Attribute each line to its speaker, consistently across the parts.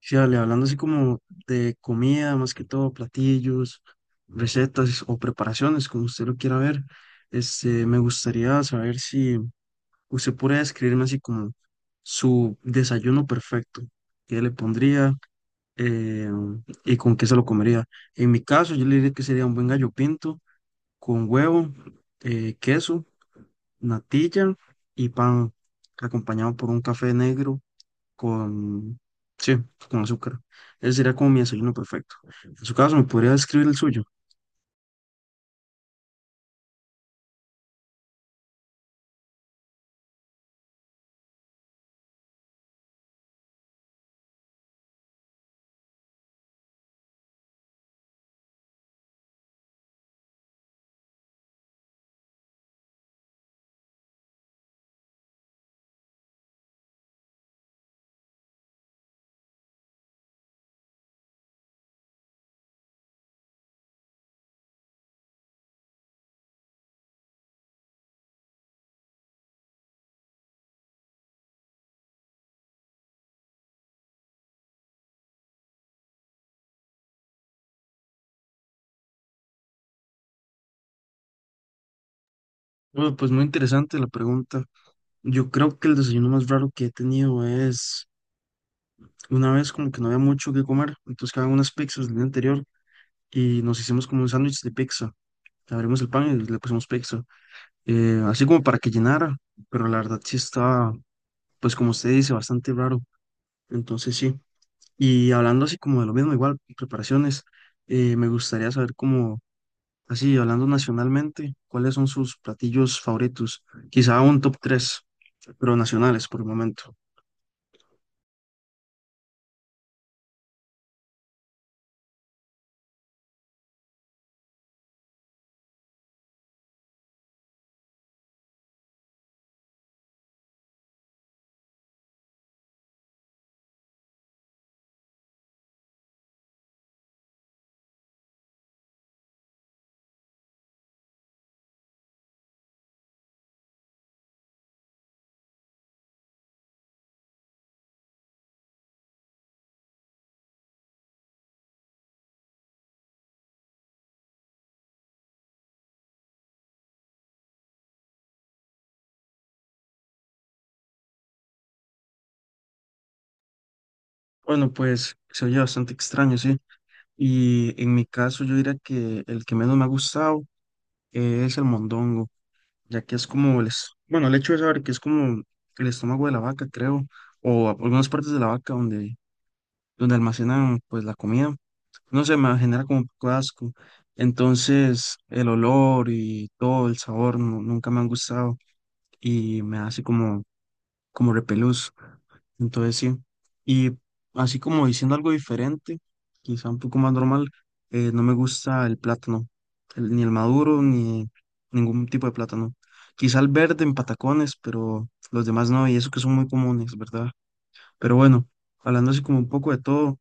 Speaker 1: Sí, dale. Hablando así como de comida, más que todo, platillos, recetas o preparaciones, como usted lo quiera ver, este, me gustaría saber si usted puede describirme así como su desayuno perfecto, qué le pondría eh, y con qué se lo comería. En mi caso, yo le diría que sería un buen gallo pinto con huevo, queso, natilla y pan, acompañado por un café negro con, sí, con azúcar. Ese sería como mi desayuno perfecto. En su caso, ¿me podría describir el suyo? Bueno, pues muy interesante la pregunta. Yo creo que el desayuno más raro que he tenido es una vez como que no había mucho que comer, entonces quedaban unas pizzas del día anterior y nos hicimos como un sándwich de pizza. Abrimos el pan y le pusimos pizza, así como para que llenara, pero la verdad sí estaba, pues como usted dice, bastante raro. Entonces sí. Y hablando así como de lo mismo, igual, preparaciones, me gustaría saber cómo. Así, hablando nacionalmente, ¿cuáles son sus platillos favoritos? Quizá un top tres, pero nacionales por el momento. Bueno, pues se oye bastante extraño, sí. Y en mi caso yo diría que el que menos me ha gustado es el mondongo, ya que es como bueno, el hecho de saber que es como el estómago de la vaca, creo, o algunas partes de la vaca donde, donde almacenan pues la comida. No sé, me genera como un poco de asco. Entonces, el olor y todo, el sabor, nunca me han gustado. Y me hace como, como repelús. Entonces sí. Y así como diciendo algo diferente, quizá un poco más normal, no me gusta el plátano, ni el maduro, ni ningún tipo de plátano. Quizá el verde en patacones, pero los demás no, y eso que son muy comunes, ¿verdad? Pero bueno, hablando así como un poco de todo,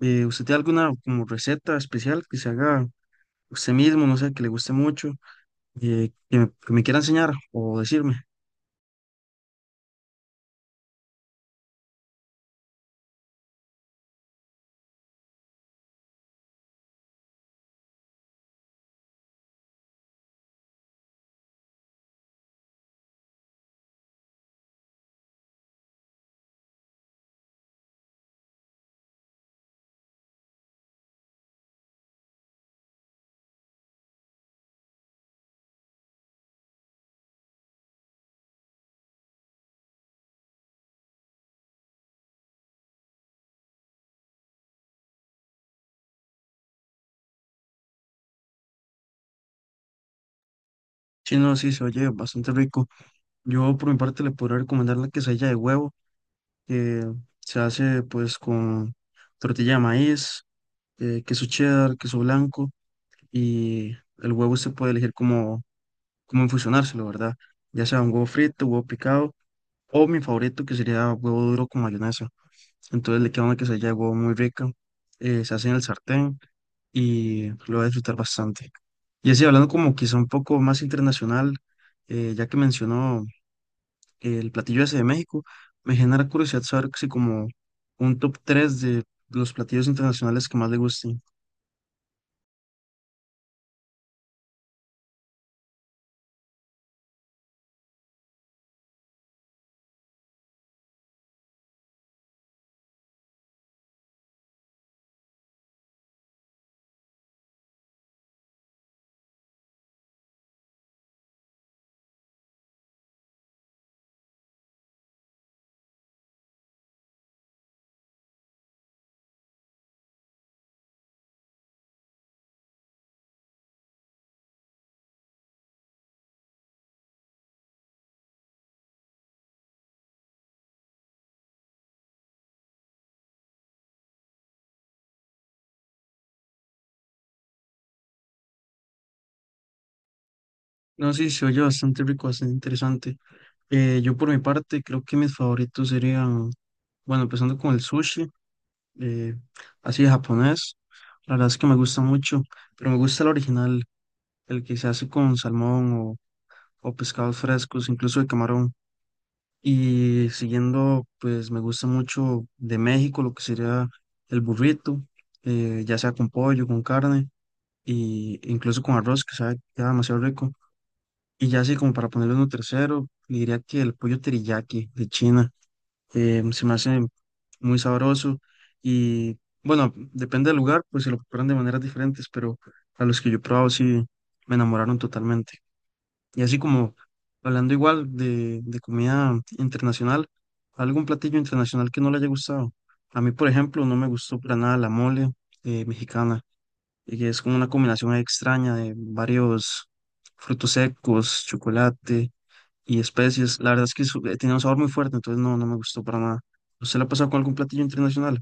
Speaker 1: ¿usted tiene alguna como receta especial que se haga usted mismo, no sé, que le guste mucho, que me quiera enseñar o decirme? Sí, no, sí, se oye bastante rico. Yo por mi parte le podría recomendar la quesadilla de huevo, que se hace pues con tortilla de maíz, queso cheddar, queso blanco y el huevo se puede elegir como, como infusionárselo, ¿verdad? Ya sea un huevo frito, huevo picado o mi favorito que sería huevo duro con mayonesa. Entonces le queda una quesadilla de huevo muy rica, se hace en el sartén y lo va a disfrutar bastante. Y así hablando como quizá un poco más internacional, ya que mencionó el platillo ese de México, me genera curiosidad saber si como un top 3 de los platillos internacionales que más le gusten. No, sí, se oye bastante rico, bastante interesante. Yo por mi parte creo que mis favoritos serían, bueno, empezando con el sushi, eh, así de japonés. La verdad es que me gusta mucho, pero me gusta el original, el que se hace con salmón o pescados frescos, incluso de camarón. Y siguiendo, pues me gusta mucho de México lo que sería el burrito, ya sea con pollo, con carne, y incluso con arroz, que sabe, queda demasiado rico. Y ya así como para ponerle uno tercero, le diría que el pollo teriyaki de China, se me hace muy sabroso. Y bueno, depende del lugar, pues se lo preparan de maneras diferentes, pero a los que yo he probado sí me enamoraron totalmente. Y así como hablando igual de comida internacional, algún platillo internacional que no le haya gustado. A mí, por ejemplo, no me gustó para nada la mole mexicana, y que es como una combinación ahí extraña de varios frutos secos, chocolate y especies. La verdad es que tenía un sabor muy fuerte, entonces no, no me gustó para nada. ¿Usted la ha pasado con algún platillo internacional?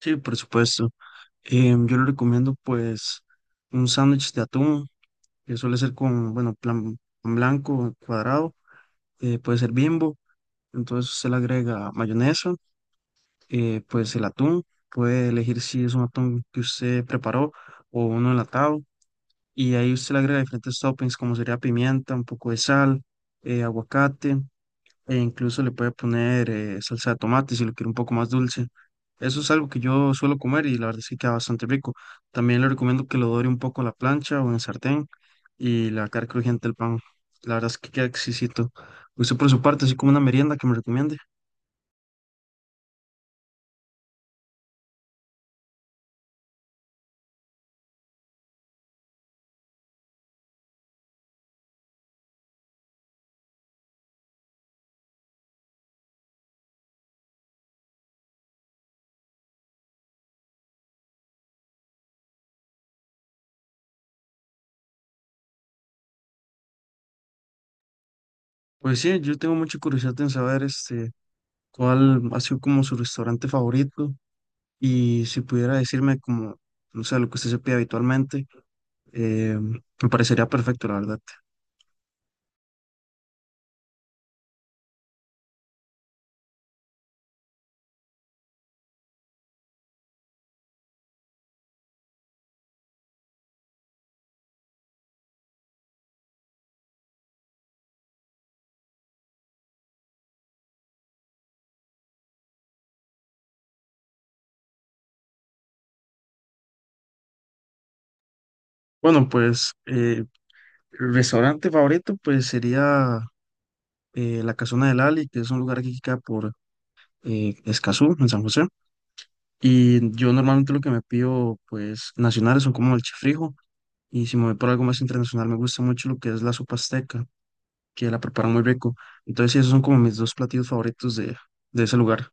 Speaker 1: Sí, por supuesto. Yo le recomiendo pues un sándwich de atún, que suele ser con, bueno, plan pan blanco cuadrado, puede ser Bimbo, entonces usted le agrega mayonesa, pues el atún, puede elegir si es un atún que usted preparó o uno enlatado y ahí usted le agrega diferentes toppings como sería pimienta, un poco de sal, aguacate e incluso le puede poner salsa de tomate si lo quiere un poco más dulce. Eso es algo que yo suelo comer y la verdad es que queda bastante rico. También le recomiendo que lo dore un poco a la plancha o en el sartén y la carne crujiente del pan. La verdad es que queda exquisito. Usted por su parte, así como una merienda que me recomiende. Pues sí, yo tengo mucha curiosidad en saber este, cuál ha sido como su restaurante favorito. Y si pudiera decirme como, no sé, lo que usted se pide habitualmente, me parecería perfecto, la verdad. Bueno, pues el restaurante favorito pues sería La Casona del Ali, que es un lugar que queda por Escazú, en San José. Y yo normalmente lo que me pido pues nacionales son como el chifrijo. Y si me voy por algo más internacional, me gusta mucho lo que es la sopa azteca, que la preparan muy rico. Entonces, sí, esos son como mis dos platillos favoritos de ese lugar.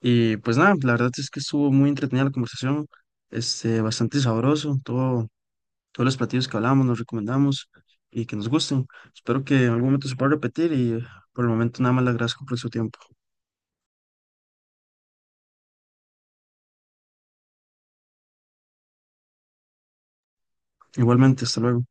Speaker 1: Y pues nada, la verdad es que estuvo muy entretenida la conversación, este, bastante sabroso, todo, todos los platillos que hablamos, nos recomendamos y que nos gusten. Espero que en algún momento se pueda repetir y por el momento nada más le agradezco por su tiempo. Igualmente, hasta luego.